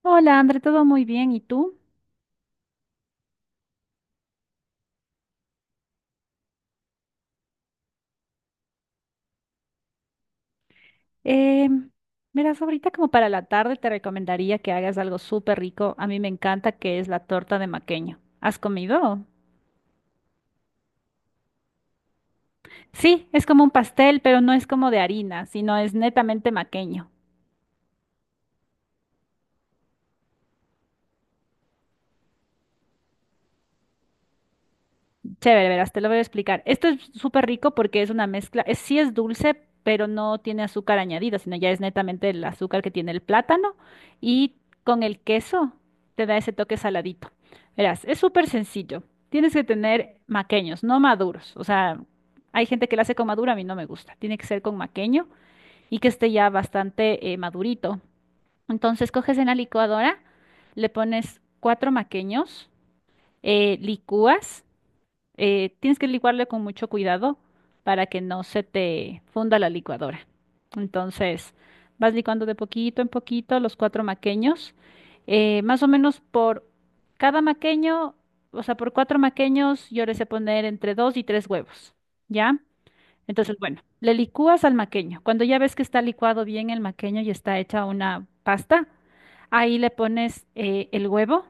Hola, André, todo muy bien. ¿Y tú? Eh, Miras, ahorita como para la tarde te recomendaría que hagas algo súper rico. A mí me encanta que es la torta de maqueño. ¿Has comido? Sí, es como un pastel, pero no es como de harina, sino es netamente maqueño. Chévere, verás, te lo voy a explicar. Esto es súper rico porque es una mezcla, es, sí es dulce, pero no tiene azúcar añadida, sino ya es netamente el azúcar que tiene el plátano y con el queso te da ese toque saladito. Verás, es súper sencillo. Tienes que tener maqueños, no maduros. O sea, hay gente que lo hace con madura, a mí no me gusta. Tiene que ser con maqueño y que esté ya bastante madurito. Entonces coges en la licuadora, le pones cuatro maqueños, licúas. Tienes que licuarle con mucho cuidado para que no se te funda la licuadora. Entonces, vas licuando de poquito en poquito los cuatro maqueños. Más o menos por cada maqueño, o sea, por cuatro maqueños, yo les he poner entre dos y tres huevos, ¿ya? Entonces, bueno, le licúas al maqueño. Cuando ya ves que está licuado bien el maqueño y está hecha una pasta, ahí le pones el huevo,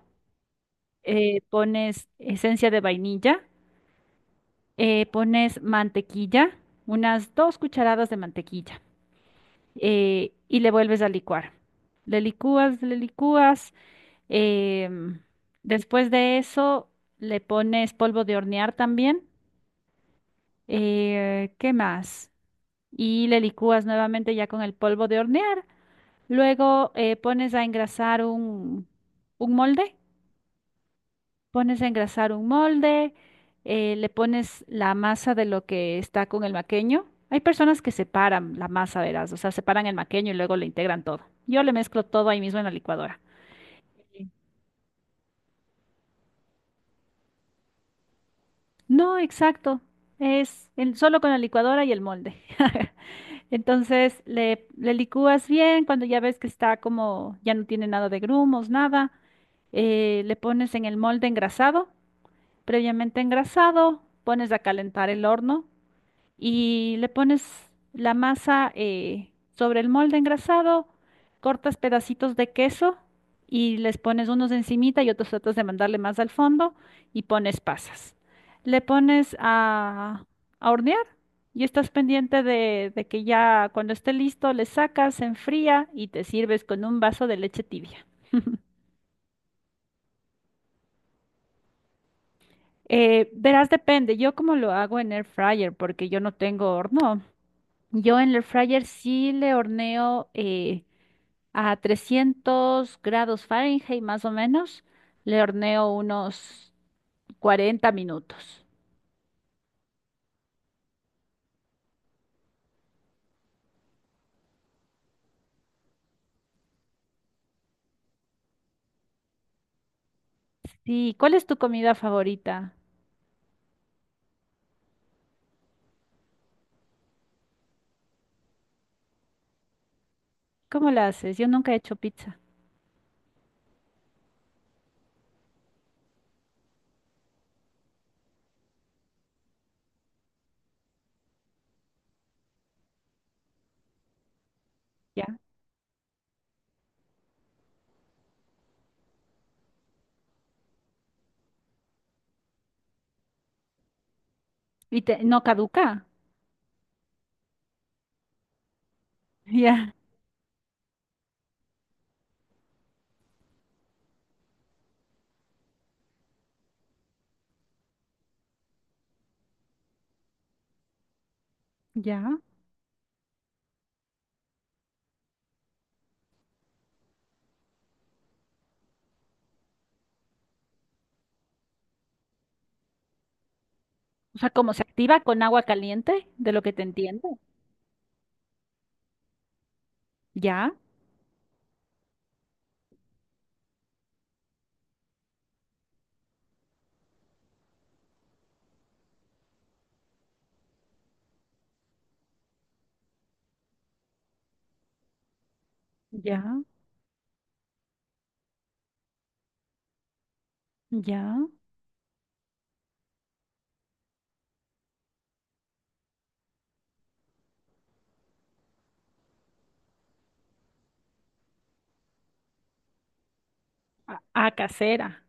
pones esencia de vainilla, pones mantequilla, unas 2 cucharadas de mantequilla, y le vuelves a licuar. Le licúas, le licúas. em, Después de eso, le pones polvo de hornear también. ¿Qué más? Y le licúas nuevamente ya con el polvo de hornear. Luego pones a engrasar un, molde. Pones a engrasar un molde, le pones la masa de lo que está con el maqueño. Hay personas que separan la masa, verás, o sea, separan el maqueño y luego le integran todo. Yo le mezclo todo ahí mismo en la licuadora. Sí. No, exacto. Solo con la licuadora y el molde. Entonces le licúas bien, cuando ya ves que está como, ya no tiene nada de grumos, nada, le pones en el molde engrasado, previamente engrasado, pones a calentar el horno y le pones la masa sobre el molde engrasado, cortas pedacitos de queso y les pones unos encimita y otros tratas de mandarle más al fondo y pones pasas. Le pones a, hornear y estás pendiente de que ya cuando esté listo le sacas, se enfría y te sirves con un vaso de leche tibia. Verás, depende. Yo como lo hago en air fryer porque yo no tengo horno. Yo en el fryer sí le horneo a 300 grados Fahrenheit más o menos. Le horneo unos 40 minutos. Sí, ¿cuál es tu comida favorita? ¿Cómo la haces? Yo nunca he hecho pizza. ¿Ya? ¿Y te, no caduca? Ya, ya. O sea, ¿cómo se activa con agua caliente? De lo que te entiendo. Ya, ya, ya. A, a casera.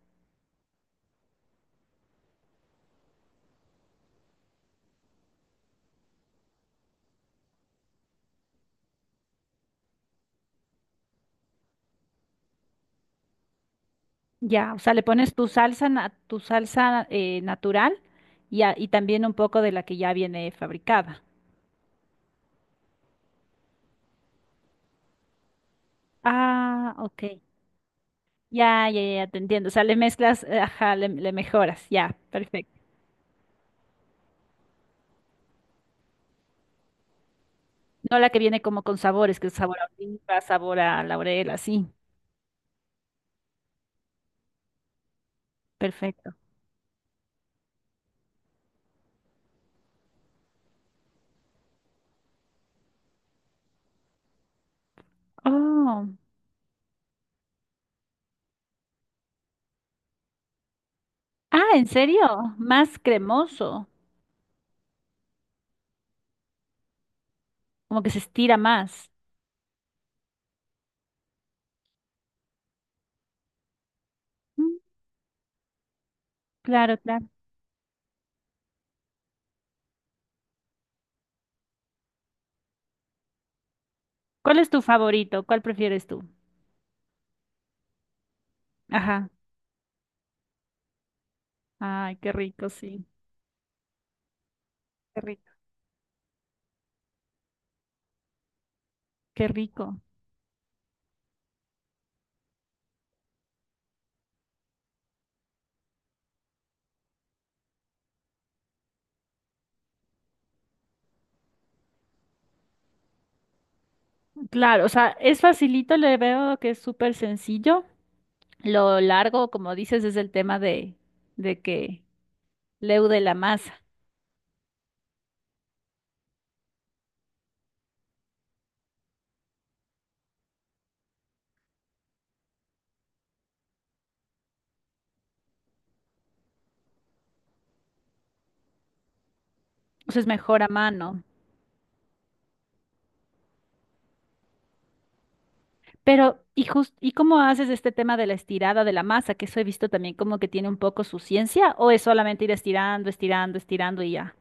Ya, o sea, le pones tu salsa, tu salsa natural y, y también un poco de la que ya viene fabricada. Ah, ok. Ya, ya, ya, te entiendo. O sea, le mezclas, ajá, le mejoras. Ya, perfecto. No la que viene como con sabores, que es sabor a oliva, sabor a laurel, así. Perfecto. Oh. Ah, ¿en serio? Más cremoso. Como que se estira más. Mm, claro, claro. ¿Cuál es tu favorito? ¿Cuál prefieres tú? Ajá. Ay, qué rico, sí. Qué rico. Qué rico. Claro, o sea, es facilito, le veo que es súper sencillo. Lo largo, como dices, es el tema de que leude la masa. O sea, es mejor a mano. Pero, ¿y y cómo haces este tema de la estirada de la masa? Que eso he visto también como que tiene un poco su ciencia, o es solamente ir estirando, estirando, estirando y ya.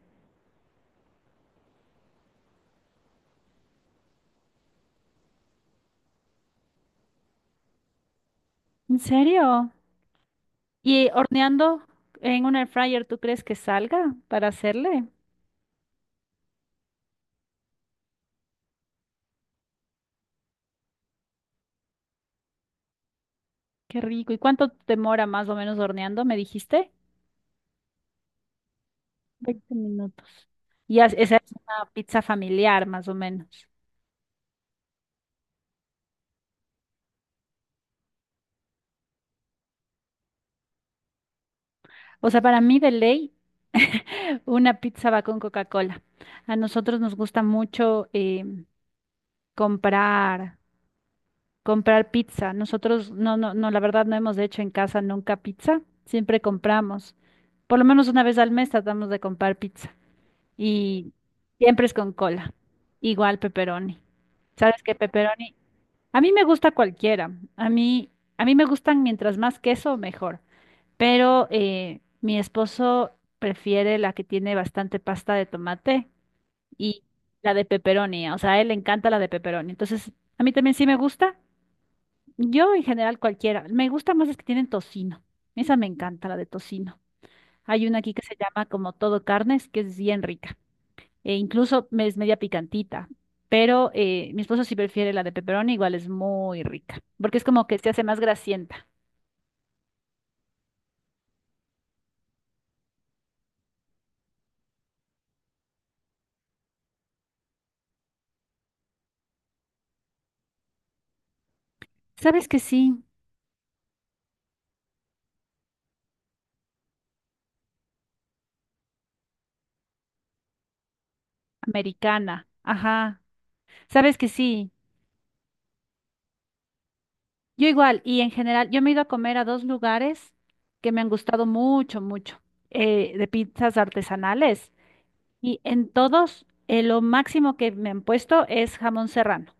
¿En serio? ¿Y horneando en un air fryer, tú crees que salga para hacerle? Qué rico. ¿Y cuánto demora más o menos horneando? ¿Me dijiste? 20 minutos. Y esa es una pizza familiar, más o menos. O sea, para mí de ley, una pizza va con Coca-Cola. A nosotros nos gusta mucho comprar, comprar pizza. Nosotros, no, no, no, la verdad no hemos hecho en casa nunca pizza. Siempre compramos. Por lo menos una vez al mes tratamos de comprar pizza. Y siempre es con cola. Igual pepperoni. ¿Sabes qué? Pepperoni. A mí me gusta cualquiera. A mí, a mí me gustan mientras más queso, mejor. Pero mi esposo prefiere la que tiene bastante pasta de tomate y la de pepperoni, o sea, a él le encanta la de pepperoni. Entonces, a mí también sí me gusta. Yo en general cualquiera, me gusta más las que tienen tocino. Esa me encanta, la de tocino. Hay una aquí que se llama como todo carnes, que es bien rica. E incluso es media picantita. Pero mi esposo sí prefiere la de pepperoni, igual es muy rica. Porque es como que se hace más grasienta. ¿Sabes que sí? Americana. Ajá. Sabes que sí, yo igual, y en general, yo me he ido a comer a dos lugares que me han gustado mucho, mucho, de pizzas artesanales, y en todos lo máximo que me han puesto es jamón serrano,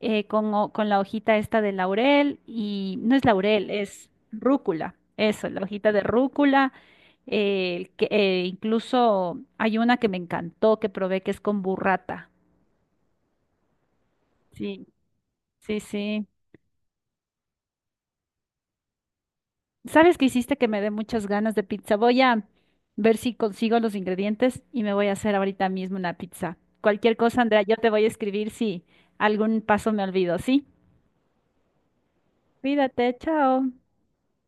con la hojita esta de laurel, y no es laurel, es rúcula, eso, la hojita de rúcula, incluso hay una que me encantó, que probé, que es con burrata. Sí, sí, sí. ¿Sabes qué hiciste que me dé muchas ganas de pizza? Voy a ver si consigo los ingredientes y me voy a hacer ahorita mismo una pizza. Cualquier cosa, Andrea, yo te voy a escribir si algún paso me olvido, ¿sí? Cuídate, chao.